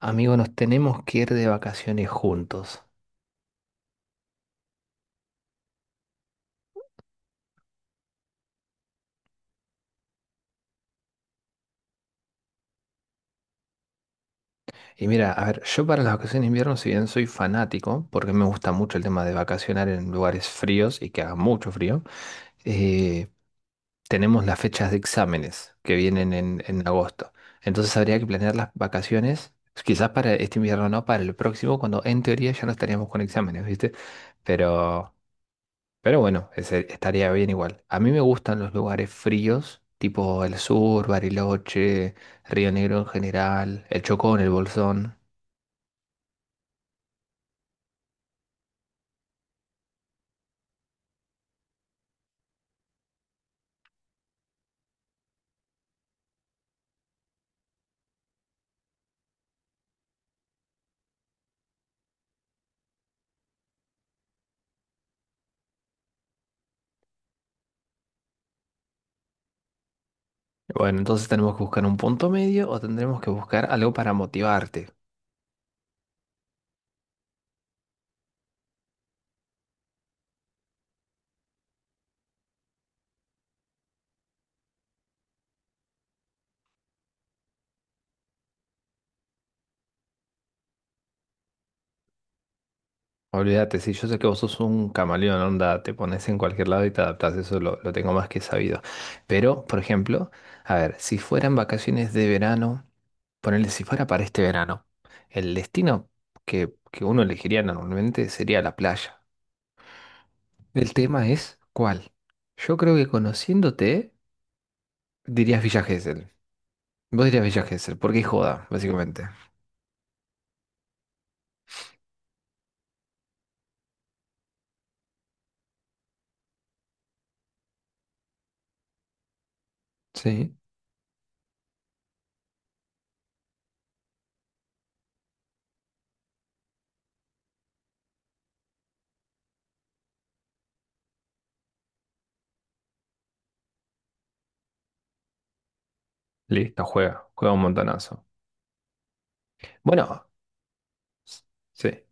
Amigo, nos tenemos que ir de vacaciones juntos. Y mira, a ver, yo para las vacaciones de invierno, si bien soy fanático, porque me gusta mucho el tema de vacacionar en lugares fríos y que haga mucho frío, eh, tenemos las fechas de exámenes que vienen en agosto. Entonces habría que planear las vacaciones, quizás para este invierno no, para el próximo, cuando en teoría ya no estaríamos con exámenes, ¿viste? Pero Pero bueno, estaría bien igual. A mí me gustan los lugares fríos, tipo el sur, Bariloche, Río Negro en general, el Chocón, el Bolsón. Bueno, entonces tenemos que buscar un punto medio o tendremos que buscar algo para motivarte. Olvídate, si yo sé que vos sos un camaleón, onda, te pones en cualquier lado y te adaptás, eso lo tengo más que sabido. Pero, por ejemplo, a ver, si fueran vacaciones de verano, ponele si fuera para este verano, el destino que uno elegiría normalmente sería la playa. El tema es ¿cuál? Yo creo que conociéndote dirías Villa Gesell. Vos dirías Villa Gesell, porque es joda, básicamente. Sí. Listo, juega, juega un montonazo. Bueno, s- sí.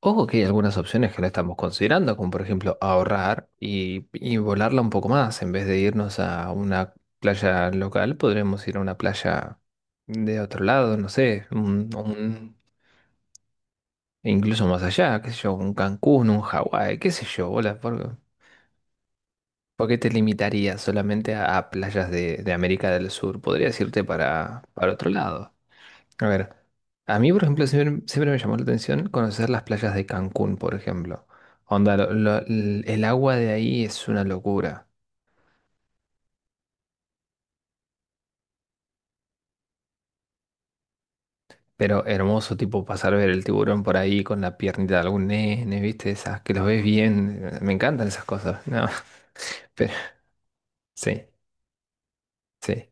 Ojo que hay algunas opciones que no estamos considerando, como por ejemplo ahorrar y volarla un poco más. En vez de irnos a una playa local, podremos ir a una playa de otro lado, no sé, un, incluso más allá, qué sé yo, un Cancún, un Hawái, qué sé yo, bola. ¿Por qué te limitarías solamente a playas de América del Sur? Podrías irte para otro lado. A ver, a mí, por ejemplo, siempre, siempre me llamó la atención conocer las playas de Cancún, por ejemplo. Onda, el agua de ahí es una locura. Pero hermoso, tipo pasar a ver el tiburón por ahí con la piernita de algún nene, ¿viste? Esas que los ves bien. Me encantan esas cosas. No, pero sí, sí,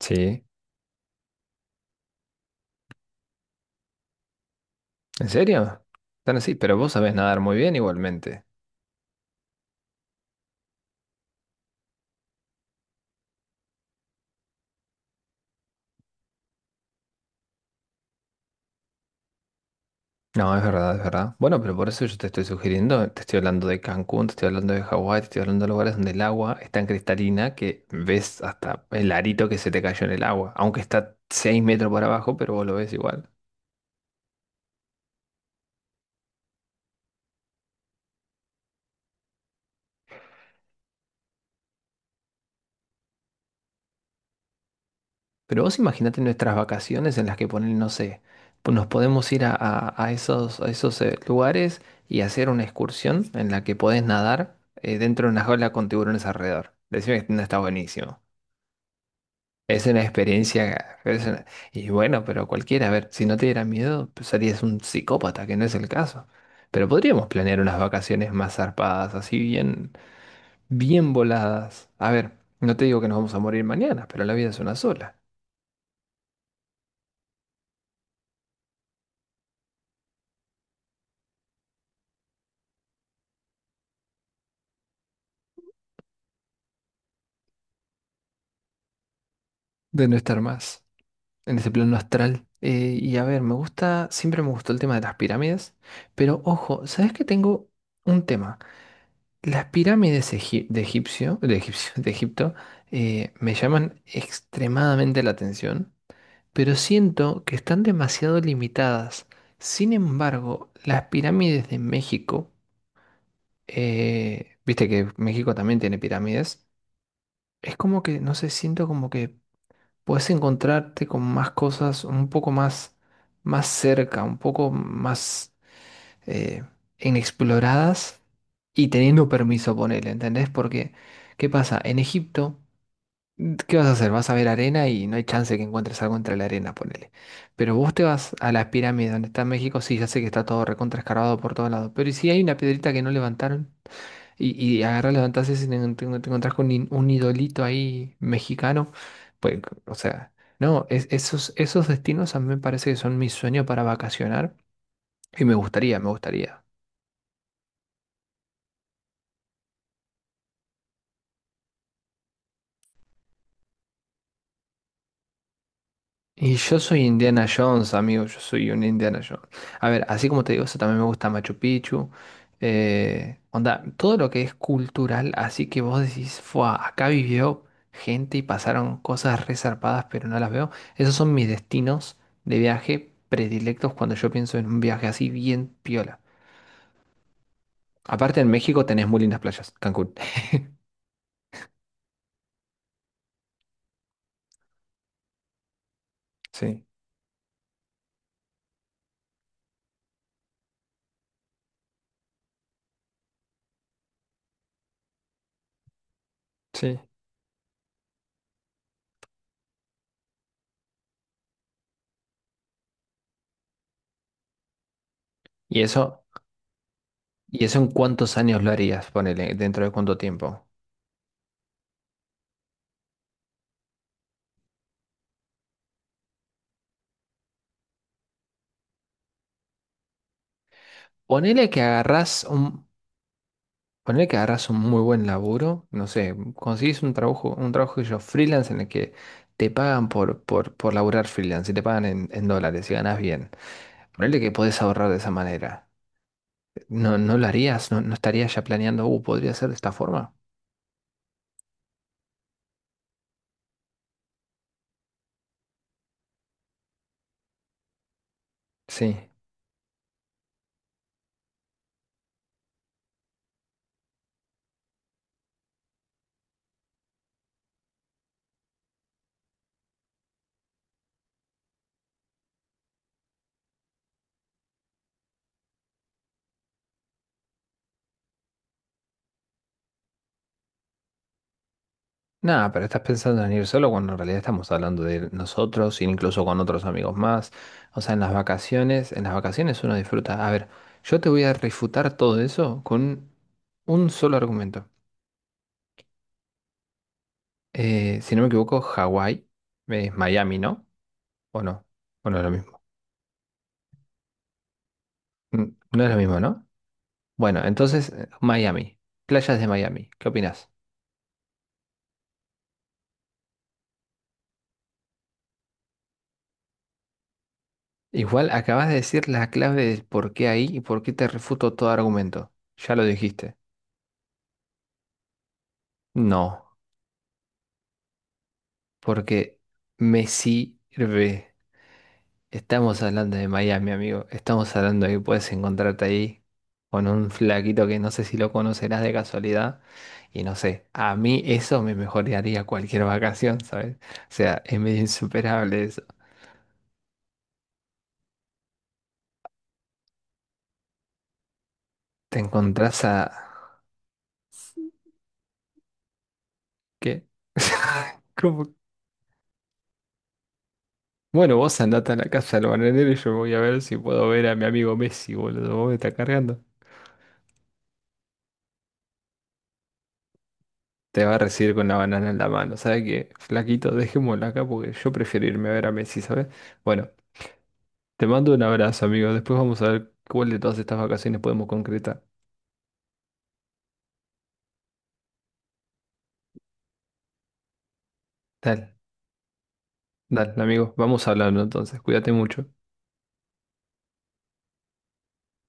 sí. ¿En serio? Están así, pero vos sabés nadar muy bien igualmente. No, es verdad, es verdad. Bueno, pero por eso yo te estoy sugiriendo, te estoy hablando de Cancún, te estoy hablando de Hawái, te estoy hablando de lugares donde el agua es tan cristalina que ves hasta el arito que se te cayó en el agua, aunque está 6 metros para abajo, pero vos lo ves igual. Pero vos imaginate nuestras vacaciones en las que ponen, no sé, nos podemos ir a, a esos lugares y hacer una excursión en la que podés nadar, dentro de una jaula con tiburones alrededor. Decime que no está buenísimo. Es una experiencia. Es una... Y bueno, pero cualquiera, a ver, si no te diera miedo, pues serías un psicópata, que no es el caso. Pero podríamos planear unas vacaciones más zarpadas, así bien, bien voladas. A ver, no te digo que nos vamos a morir mañana, pero la vida es una sola. De no estar más en ese plano astral. Y a ver, me gusta, siempre me gustó el tema de las pirámides, pero ojo, ¿sabes que tengo un tema? Las pirámides de Egipto, me llaman extremadamente la atención, pero siento que están demasiado limitadas. Sin embargo, las pirámides de México, viste que México también tiene pirámides, es como que, no sé, siento como que puedes encontrarte con más cosas un poco más, más cerca, un poco más, eh, inexploradas y teniendo permiso, ponele, ¿entendés? Porque, ¿qué pasa? En Egipto, ¿qué vas a hacer? Vas a ver arena y no hay chance que encuentres algo entre la arena, ponele. Pero vos te vas a las pirámides donde está México, sí, ya sé que está todo recontra escarbado por todos lados, pero ¿y si hay una piedrita que no levantaron? Y, y agarrás, levantás ese y te, te encontrás con un idolito ahí mexicano, pues, o sea... No, esos, esos destinos a mí me parece que son mi sueño para vacacionar y me gustaría, me gustaría. Y yo soy Indiana Jones, amigo, yo soy un Indiana Jones. A ver, así como te digo, eso también me gusta Machu Picchu. Onda, todo lo que es cultural, así que vos decís, fua, acá vivió gente y pasaron cosas resarpadas, pero no las veo. Esos son mis destinos de viaje predilectos cuando yo pienso en un viaje así bien piola. Aparte en México tenés muy lindas playas, Cancún. Sí, sí. ¿Y eso, y eso en cuántos años lo harías? Ponele, ¿dentro de cuánto tiempo? Ponele que agarrás un, Poner que harás un muy buen laburo, no sé, conseguís un trabajo que yo, freelance, en el que te pagan por laburar freelance y te pagan en dólares y ganas bien. Ponele que podés ahorrar de esa manera. ¿No, no lo harías? ¿No, no estarías ya planeando, podría ser de esta forma? Sí. Nada, pero estás pensando en ir solo cuando en realidad estamos hablando de ir nosotros, incluso con otros amigos más. O sea, en las vacaciones uno disfruta. A ver, yo te voy a refutar todo eso con un solo argumento. Si no me equivoco, Hawái es Miami, ¿no? ¿O no? ¿O no es lo mismo? No es lo mismo, ¿no? Bueno, entonces, Miami, playas de Miami, ¿qué opinas? Igual acabas de decir la clave de por qué ahí y por qué te refuto todo argumento. Ya lo dijiste. No, porque me sirve. Estamos hablando de Miami, amigo. Estamos hablando de que puedes encontrarte ahí con un flaquito que no sé si lo conocerás de casualidad. Y no sé, a mí eso me mejoraría cualquier vacación, ¿sabes? O sea, es medio insuperable eso. Te encontrás a... ¿Qué? ¿Cómo? Bueno, vos andate a la casa del bananero y yo voy a ver si puedo ver a mi amigo Messi, boludo. Vos me estás cargando. Te va a recibir con la banana en la mano. ¿Sabes qué? Flaquito, dejémoslo acá porque yo prefiero irme a ver a Messi, ¿sabes? Bueno. Te mando un abrazo, amigo. Después vamos a ver cuál de todas estas vacaciones podemos concretar. Dale, dale, amigo. Vamos hablando entonces. Cuídate mucho.